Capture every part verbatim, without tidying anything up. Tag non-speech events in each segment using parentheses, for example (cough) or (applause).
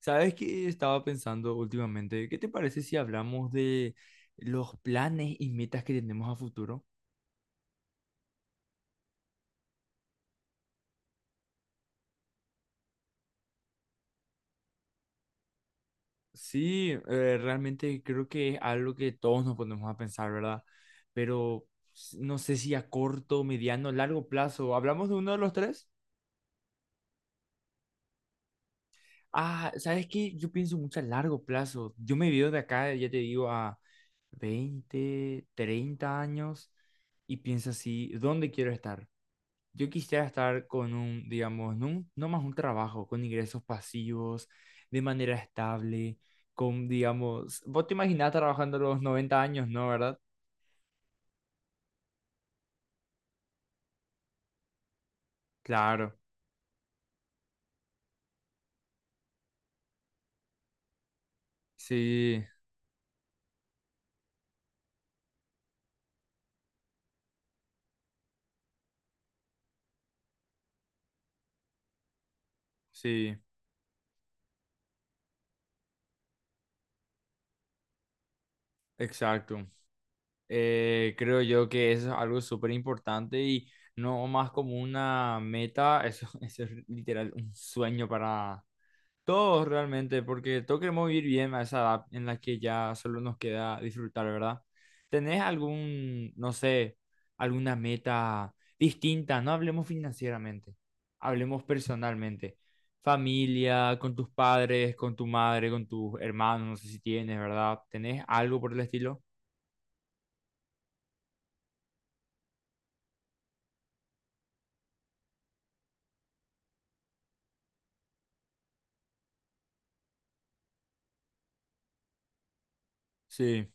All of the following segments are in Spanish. ¿Sabes qué estaba pensando últimamente? ¿Qué te parece si hablamos de los planes y metas que tenemos a futuro? Sí, eh, realmente creo que es algo que todos nos ponemos a pensar, ¿verdad? Pero s- no sé si a corto, mediano, largo plazo. ¿Hablamos de uno de los tres? Ah, ¿sabes qué? Yo pienso mucho a largo plazo. Yo me veo de acá, ya te digo, a veinte, treinta años y pienso así, ¿dónde quiero estar? Yo quisiera estar con un, digamos, no, un- no más un trabajo, con ingresos pasivos, de manera estable, con, digamos, vos te imaginás trabajando a los noventa años, ¿no? ¿Verdad? Claro, sí, sí, exacto. Eh, creo yo que eso es algo súper importante y no más como una meta, eso, (laughs) eso es literal un sueño para, todos realmente, porque todos queremos vivir bien a esa edad en la que ya solo nos queda disfrutar, ¿verdad? ¿Tenés algún, no sé, alguna meta distinta? No hablemos financieramente, hablemos personalmente. Familia, con tus padres, con tu madre, con tus hermanos, no sé si tienes, ¿verdad? ¿Tenés algo por el estilo? Sí,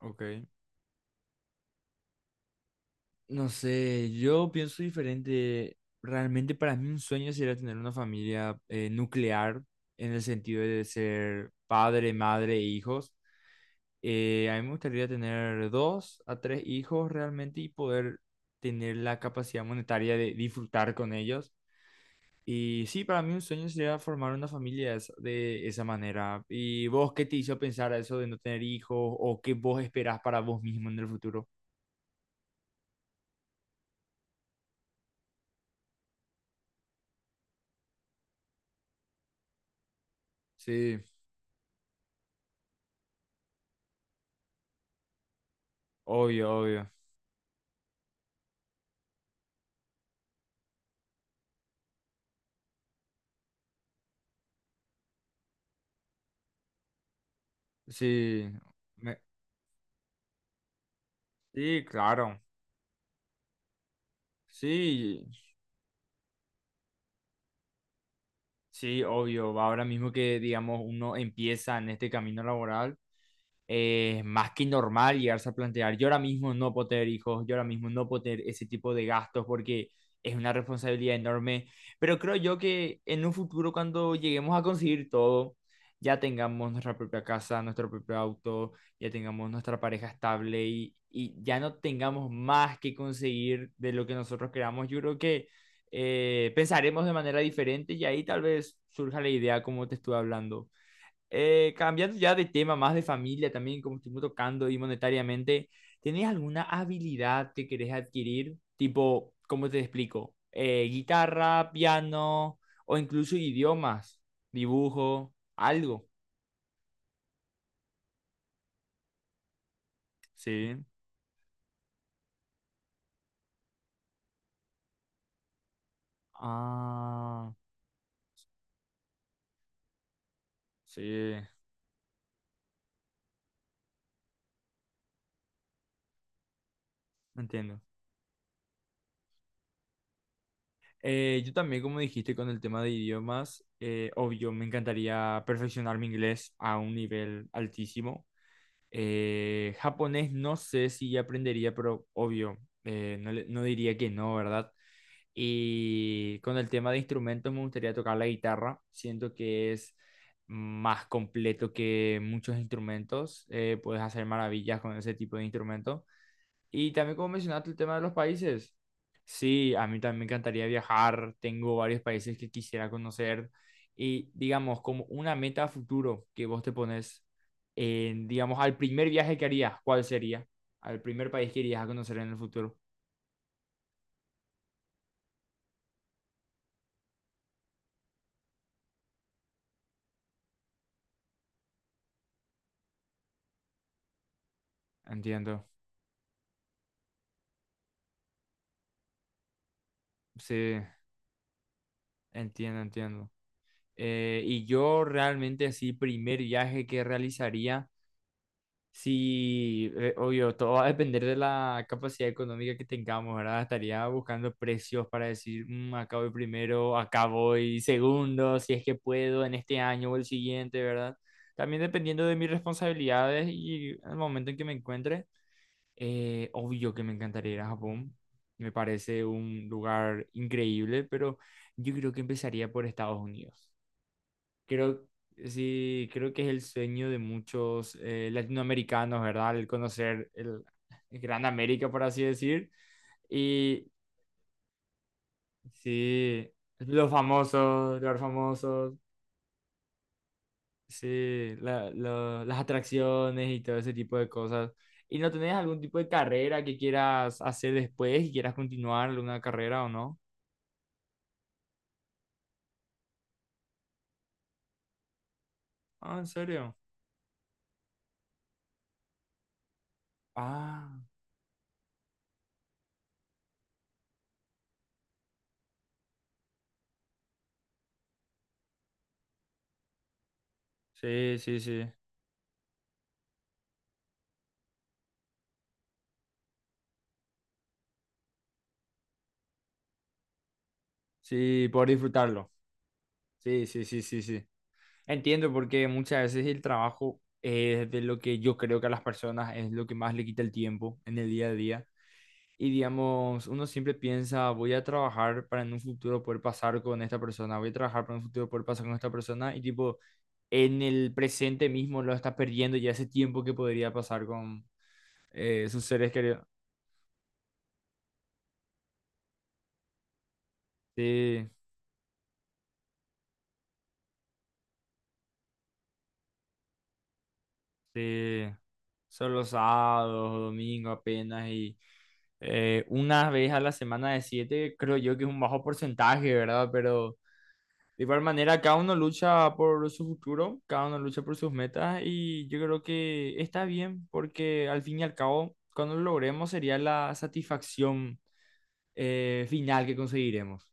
ok. No sé, yo pienso diferente. Realmente para mí un sueño sería tener una familia eh, nuclear en el sentido de ser padre, madre e hijos. Eh, a mí me gustaría tener dos a tres hijos realmente y poder tener la capacidad monetaria de disfrutar con ellos. Y sí, para mí un sueño sería formar una familia de esa de esa manera. ¿Y vos qué te hizo pensar a eso de no tener hijos o qué vos esperás para vos mismo en el futuro? Sí, obvio, obvio. Sí, me- sí, claro. Sí, sí, obvio. Ahora mismo que, digamos, uno empieza en este camino laboral, es más que normal llegarse a plantear, yo ahora mismo no puedo tener hijos, yo ahora mismo no puedo tener ese tipo de gastos porque es una responsabilidad enorme, pero creo yo que en un futuro cuando lleguemos a conseguir todo, ya tengamos nuestra propia casa, nuestro propio auto, ya tengamos nuestra pareja estable y, y ya no tengamos más que conseguir de lo que nosotros queramos, yo creo que eh, pensaremos de manera diferente y ahí tal vez surja la idea como te estuve hablando. Eh, cambiando ya de tema, más de familia también, como estuvimos tocando y monetariamente, ¿tenés alguna habilidad que querés adquirir? Tipo, ¿cómo te explico? Eh, guitarra, piano o incluso idiomas, dibujo, algo. Sí, ah, sí, entiendo. Eh, yo también, como dijiste con el tema de idiomas, eh, obvio, me encantaría perfeccionar mi inglés a un nivel altísimo. Eh, japonés no sé si ya aprendería, pero obvio, eh, no, le- no diría que no, ¿verdad? Y con el tema de instrumentos me gustaría tocar la guitarra. Siento que es más completo que muchos instrumentos. Eh, puedes hacer maravillas con ese tipo de instrumento. Y también como mencionaste el tema de los países, sí, a mí también me encantaría viajar, tengo varios países que quisiera conocer y digamos como una meta a futuro que vos te pones, en, digamos al primer viaje que harías, ¿cuál sería? Al primer país que irías a conocer en el futuro. Entiendo, sí, entiendo, entiendo. Eh, y yo realmente así, primer viaje que realizaría sí, eh, obvio, todo va a depender de la capacidad económica que tengamos, ¿verdad? Estaría buscando precios para decir, "Mm, acá voy primero, acá voy segundo, si es que puedo en este año o el siguiente, ¿verdad? También dependiendo de mis responsabilidades y el momento en que me encuentre, eh, obvio que me encantaría ir a Japón. Me parece un lugar increíble, pero yo creo que empezaría por Estados Unidos. Creo, sí, creo que es el sueño de muchos eh, latinoamericanos, ¿verdad? El conocer el, el Gran América, por así decir. Y sí, los famosos, los famosos, sí, la- lo- las atracciones y todo ese tipo de cosas. ¿Y no tenés algún tipo de carrera que quieras hacer después y quieras continuar una carrera o no? Ah, ¿en serio? Ah, sí, sí, sí. Sí, por disfrutarlo. Sí, sí, sí, sí, sí. Entiendo porque muchas veces el trabajo es de lo que yo creo que a las personas es lo que más le quita el tiempo en el día a día. Y digamos, uno siempre piensa, voy a trabajar para en un futuro poder pasar con esta persona, voy a trabajar para en un futuro poder pasar con esta persona y tipo, en el presente mismo lo está perdiendo ya ese tiempo que podría pasar con eh, sus seres queridos. Sí, sí, son los sábados, domingos apenas y eh, una vez a la semana de siete, creo yo que es un bajo porcentaje, ¿verdad? Pero de igual manera, cada uno lucha por su futuro, cada uno lucha por sus metas y yo creo que está bien porque al fin y al cabo, cuando lo logremos sería la satisfacción eh, final que conseguiremos.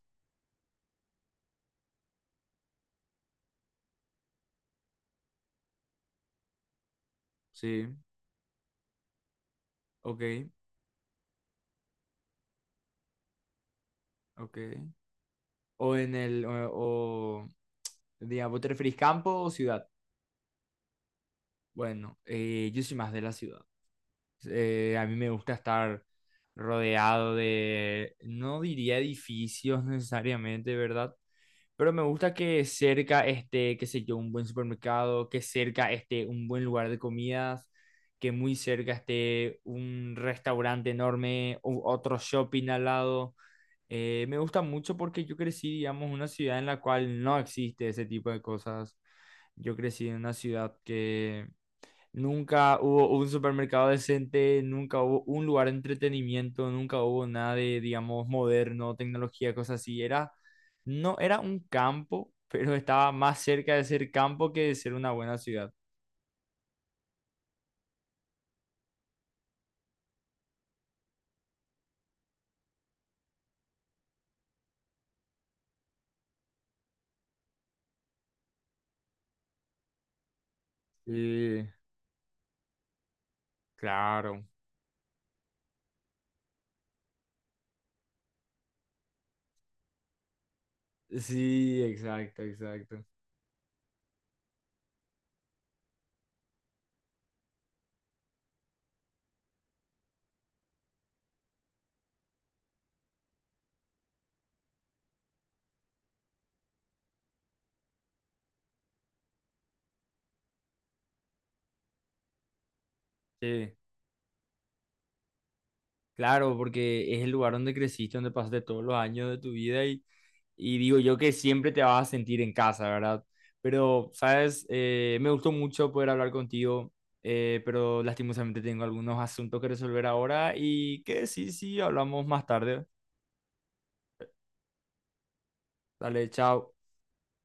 Sí, ok, ok. O en el, o, o, digamos, ¿te referís campo o ciudad? Bueno, eh, yo soy más de la ciudad. Eh, a mí me gusta estar rodeado de, no diría edificios necesariamente, ¿verdad? Pero me gusta que cerca esté, qué sé yo, un buen supermercado, que cerca esté un buen lugar de comidas, que muy cerca esté un restaurante enorme, u- otro shopping al lado. Eh, me gusta mucho porque yo crecí, digamos, en una ciudad en la cual no existe ese tipo de cosas. Yo crecí en una ciudad que nunca hubo un supermercado decente, nunca hubo un lugar de entretenimiento, nunca hubo nada de, digamos, moderno, tecnología, cosas así. Era, no, era un campo, (laughs) pero estaba más cerca de ser campo que de ser una buena ciudad. Y, claro. Sí, exacto, exacto. Sí. Claro, porque es el lugar donde creciste, donde pasaste todos los años de tu vida y, y digo yo que siempre te vas a sentir en casa, ¿verdad? Pero, sabes, Eh, me gustó mucho poder hablar contigo, eh, pero lastimosamente tengo algunos asuntos que resolver ahora y que sí, sí, hablamos más tarde. Dale, chao.